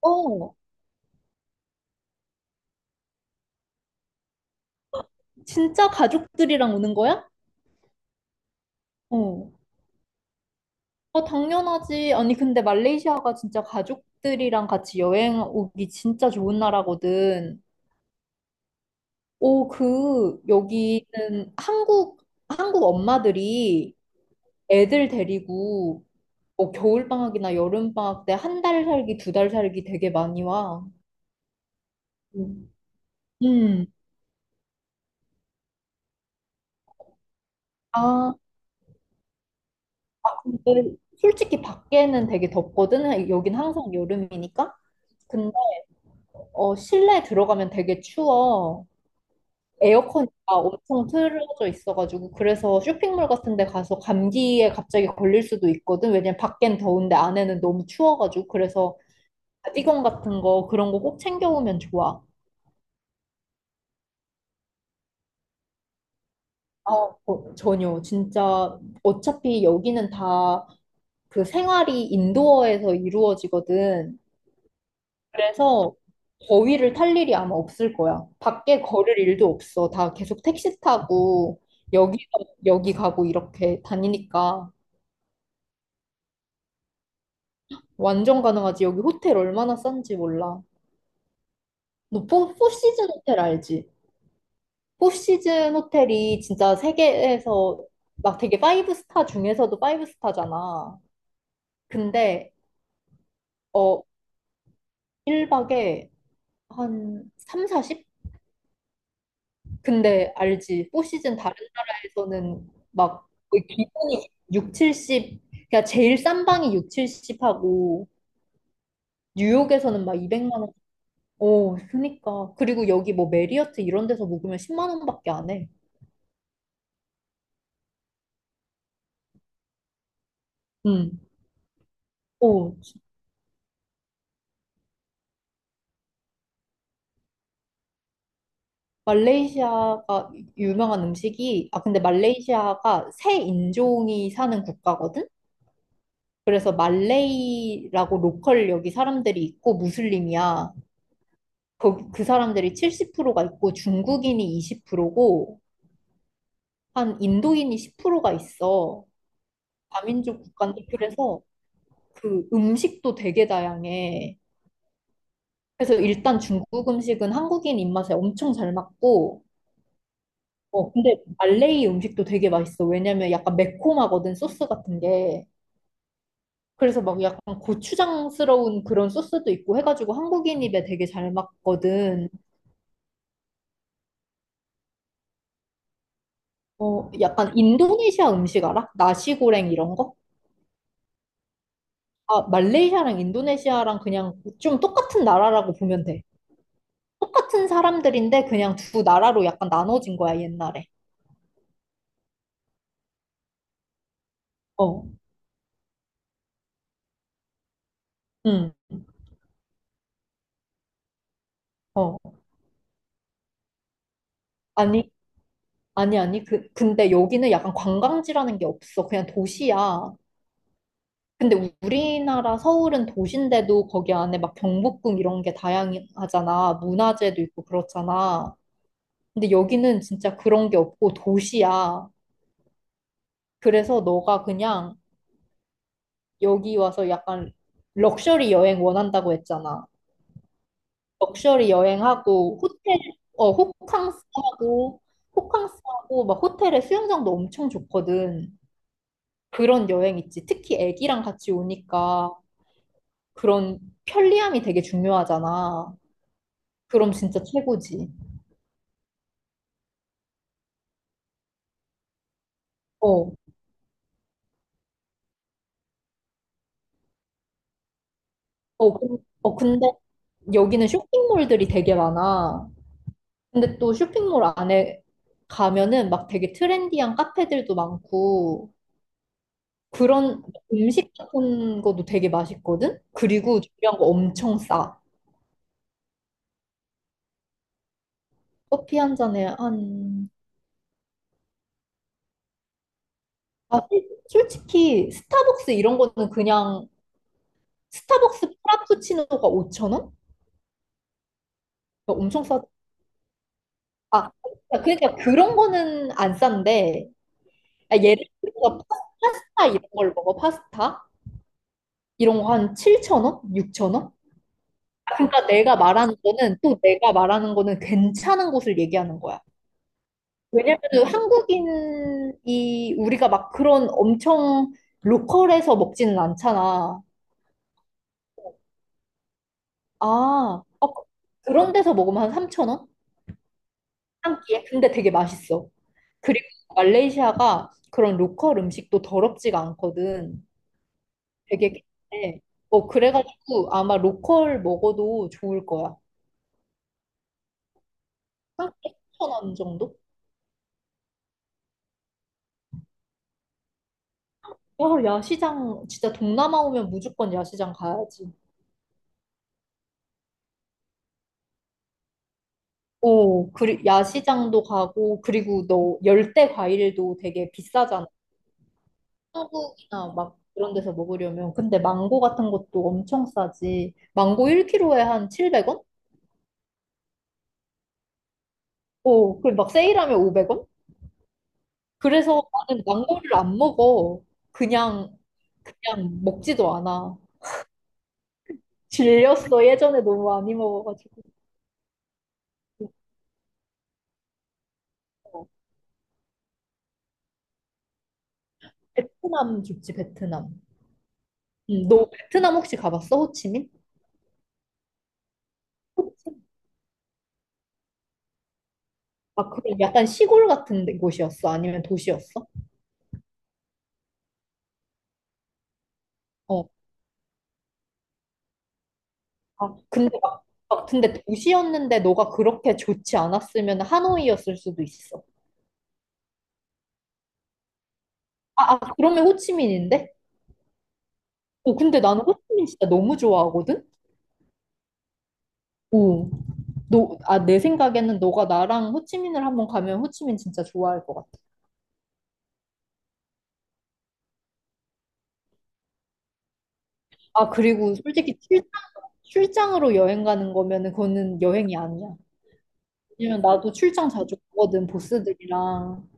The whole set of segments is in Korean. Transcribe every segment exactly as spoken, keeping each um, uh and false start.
어, 진짜 가족들이랑 오는 거야? 어. 어, 당연하지. 아니, 근데 말레이시아가 진짜 가족들이랑 같이 여행 오기 진짜 좋은 나라거든. 오, 그, 여기는 한국, 한국 엄마들이 애들 데리고 뭐 겨울방학이나 여름방학 때 한 달 살기, 두 달 살기 되게 많이 와. 음. 음. 아, 근데 솔직히 밖에는 되게 덥거든. 여긴 항상 여름이니까. 어, 실내 들어가면 되게 추워. 에어컨이 막 엄청 틀어져 있어가지고 그래서 쇼핑몰 같은 데 가서 감기에 갑자기 걸릴 수도 있거든. 왜냐면 밖엔 더운데 안에는 너무 추워가지고 그래서 가디건 같은 거 그런 거 꼭 챙겨오면 좋아. 아, 어, 전혀 진짜 어차피 여기는 다 그 생활이 인도어에서 이루어지거든. 그래서 거위를 탈 일이 아마 없을 거야. 밖에 걸을 일도 없어. 다 계속 택시 타고 여기 여기 가고 이렇게 다니니까 완전 가능하지. 여기 호텔 얼마나 싼지 몰라. 너 포, 포시즌 호텔 알지? 포시즌 호텔이 진짜 세계에서 막 되게 파이브 스타 중에서도 파이브 스타잖아. 근데 어 일 박에 한 삼, 사십? 근데 알지. 포시즌 다른 나라에서는 막 거의 기본이 육, 칠십, 그러니까 제일 싼 방이 육, 칠십 하고 뉴욕에서는 막 이백만 원. 어, 그니까. 그리고 여기 뭐 메리어트 이런 데서 묵으면 십만 원밖에 안 해. 응. 오, 말레이시아가 유명한 음식이, 아, 근데 말레이시아가 새 인종이 사는 국가거든? 그래서 말레이라고 로컬 여기 사람들이 있고 무슬림이야. 거기 그 사람들이 칠십 퍼센트가 있고 중국인이 이십 퍼센트고 한 인도인이 십 퍼센트가 있어. 다민족 국가인데 그래서 그 음식도 되게 다양해. 그래서 일단 중국 음식은 한국인 입맛에 엄청 잘 맞고 어 근데 말레이 음식도 되게 맛있어. 왜냐면 약간 매콤하거든 소스 같은 게. 그래서 막 약간 고추장스러운 그런 소스도 있고 해가지고 한국인 입에 되게 잘 맞거든. 어, 약간 인도네시아 음식 알아? 나시고랭 이런 거? 아, 말레이시아랑 인도네시아랑 그냥 좀 똑같은 나라라고 보면 돼. 똑같은 사람들인데 그냥 두 나라로 약간 나눠진 거야, 옛날에. 어, 응, 어. 아니, 아니, 아니. 그, 근데 여기는 약간 관광지라는 게 없어. 그냥 도시야. 근데 우- 우리나라 서울은 도시인데도 거기 안에 막 경복궁 이런 게 다양하잖아. 문화재도 있고 그렇잖아. 근데 여기는 진짜 그런 게 없고 도시야. 그래서 너가 그냥 여기 와서 약간 럭셔리 여행 원한다고 했잖아. 럭셔리 여행하고 호텔 어 호캉스하고 호캉스하고 막 호텔에 수영장도 엄청 좋거든. 그런 여행 있지. 특히 애기랑 같이 오니까 그런 편리함이 되게 중요하잖아. 그럼 진짜 최고지. 어, 어, 근- 어, 근데 여기는 쇼핑몰들이 되게 많아. 근데 또 쇼핑몰 안에 가면은 막 되게 트렌디한 카페들도 많고 그런 음식 같은 것도 되게 맛있거든? 그리고 중요한 거 엄청 싸. 커피 한 잔에 한, 아, 솔- 솔직히 스타벅스 이런 거는 그냥 스타벅스 프라푸치노가 오천 원? 그러니까 엄청 싸. 아, 그러니까 그런 거는 안 싼데, 아, 예를 들어서 파- 파스타 이런 걸 먹어, 파스타? 이런 거 한 칠천 원? 육천 원? 아, 그러니까 내가 말하는 거는 또 내가 말하는 거는 괜찮은 곳을 얘기하는 거야. 왜냐면은 한국인이 우리가 막 그런 엄청 로컬에서 먹지는 않잖아. 아, 어, 그런 데서 먹으면 한삼천 원 한 끼에? 근데 되게 맛있어. 그리고 말레이시아가 그런 로컬 음식도 더럽지가 않거든. 되게 깨끗해. 어, 그래가지고 아마 로컬 먹어도 좋을 거야. 한삼천 원 정도? 야, 야시장, 진짜 동남아 오면 무조건 야시장 가야지. 오, 그리, 야시장도 가고, 그리고 너 열대 과일도 되게 비싸잖아. 한국이나 막 그런 데서 먹으려면. 근데 망고 같은 것도 엄청 싸지. 망고 일 킬로그램에 한 칠백 원? 오, 그리고 막 세일하면 오백 원? 그래서 나는 망고를 안 먹어. 그냥, 그냥 먹지도 않아. 질렸어. 예전에 너무 많이 먹어가지고. 그래서 베트남 좋지, 베트남. 음, 너 베트남 혹시 가봤어? 호치민? 아, 그럼 약간 시골 같은 데- 곳이었어? 아니면 도시였어? 어. 아, 근데 막, 막 근데 도시였는데 너가 그렇게 좋지 않았으면 하노이였을 수도 있어. 아, 아 그러면 호치민인데? 어, 근데 나는 호치민 진짜 너무 좋아하거든? 오, 너, 아, 내 생각에는 너가 나랑 호치민을 한번 가면 호치민 진짜 좋아할 것 같아. 아, 그리고 솔직히 출장, 출장으로 여행 가는 거면은 그거는 여행이 아니야. 왜냐면 나도 출장 자주 가거든, 보스들이랑.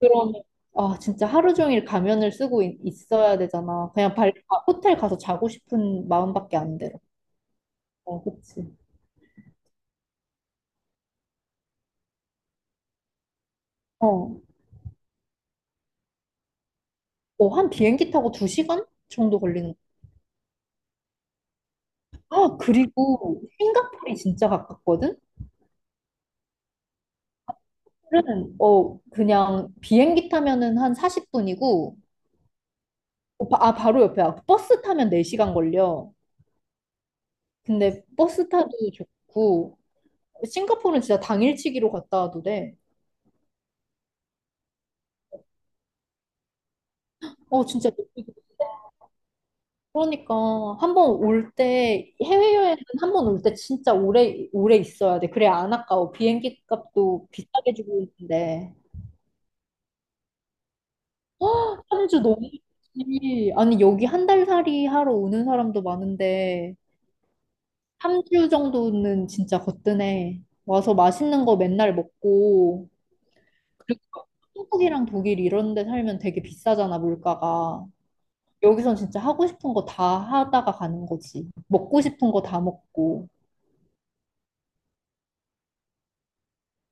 그러면 아, 진짜 하루 종일 가면을 쓰고 있, 있어야 되잖아. 그냥 발 아, 호텔 가서 자고 싶은 마음밖에 안 들어. 어, 그치. 어, 어, 한 비행기 타고 두 시간 정도 걸리는 거야. 아, 그리고 싱가포르이 진짜 가깝거든? 그 어, 그냥 비행기 타면은 한 사십 분이고, 아, 바로 옆이야. 버스 타면 네 시간 걸려. 근데 버스 타도 좋고, 싱가포르는 진짜 당일치기로 갔다 와도 돼. 어, 진짜 그러니까 한 번 올 때 해외여행은 한 번 올 때 진짜 오래 오래 있어야 돼. 그래 안 아까워. 비행기 값도 비싸게 주고 있는데. 헉, 삼 주 너무 좋지. 아니 여기 한 달 살이 하러 오는 사람도 많은데 삼 주 정도는 진짜 거뜬해. 와서 맛있는 거 맨날 먹고 그리고 한국이랑 독일 이런 데 살면 되게 비싸잖아 물가가. 여기선 진짜 하고 싶은 거 다 하다가 가는 거지. 먹고 싶은 거 다 먹고.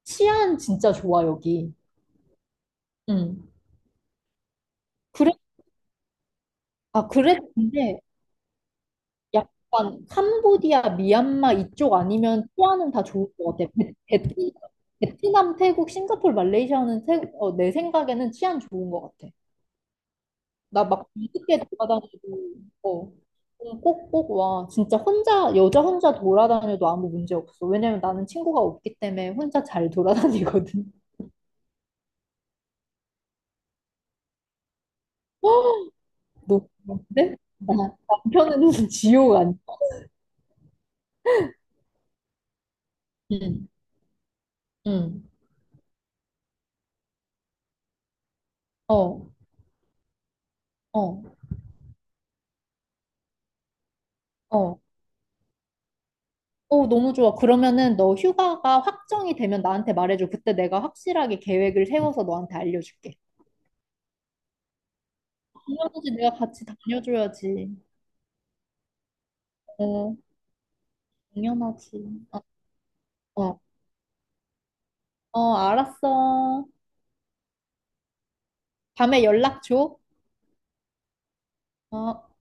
치안 진짜 좋아, 여기. 응. 그래, 아, 그랬는데 약간 캄보디아, 미얀마 이쪽 아니면 치안은 다 좋을 것 같아. 베, 베트, 베트남, 태국, 싱가포르, 말레이시아는 태, 어, 내 생각에는 치안 좋은 것 같아. 나 막 뒤늦게 돌아다녀도 어, 좀 꼭꼭 와. 진짜 혼자, 여자 혼자 돌아다녀도 아무 문제 없어. 왜냐면 나는 친구가 없기 때문에 혼자 잘 돌아다니거든. 너, 근데 나 남편은 지옥 아니야. 응. 응. 어, 어, 어. 어, 너무 좋아. 그러면은 너 휴가가 확정이 되면 나한테 말해줘. 그때 내가 확실하게 계획을 세워서 너한테 알려줄게. 당연하지. 내가 같이 다녀줘야지. 어, 당연하지. 어, 어, 어, 알았어. 밤에 연락 줘. 어.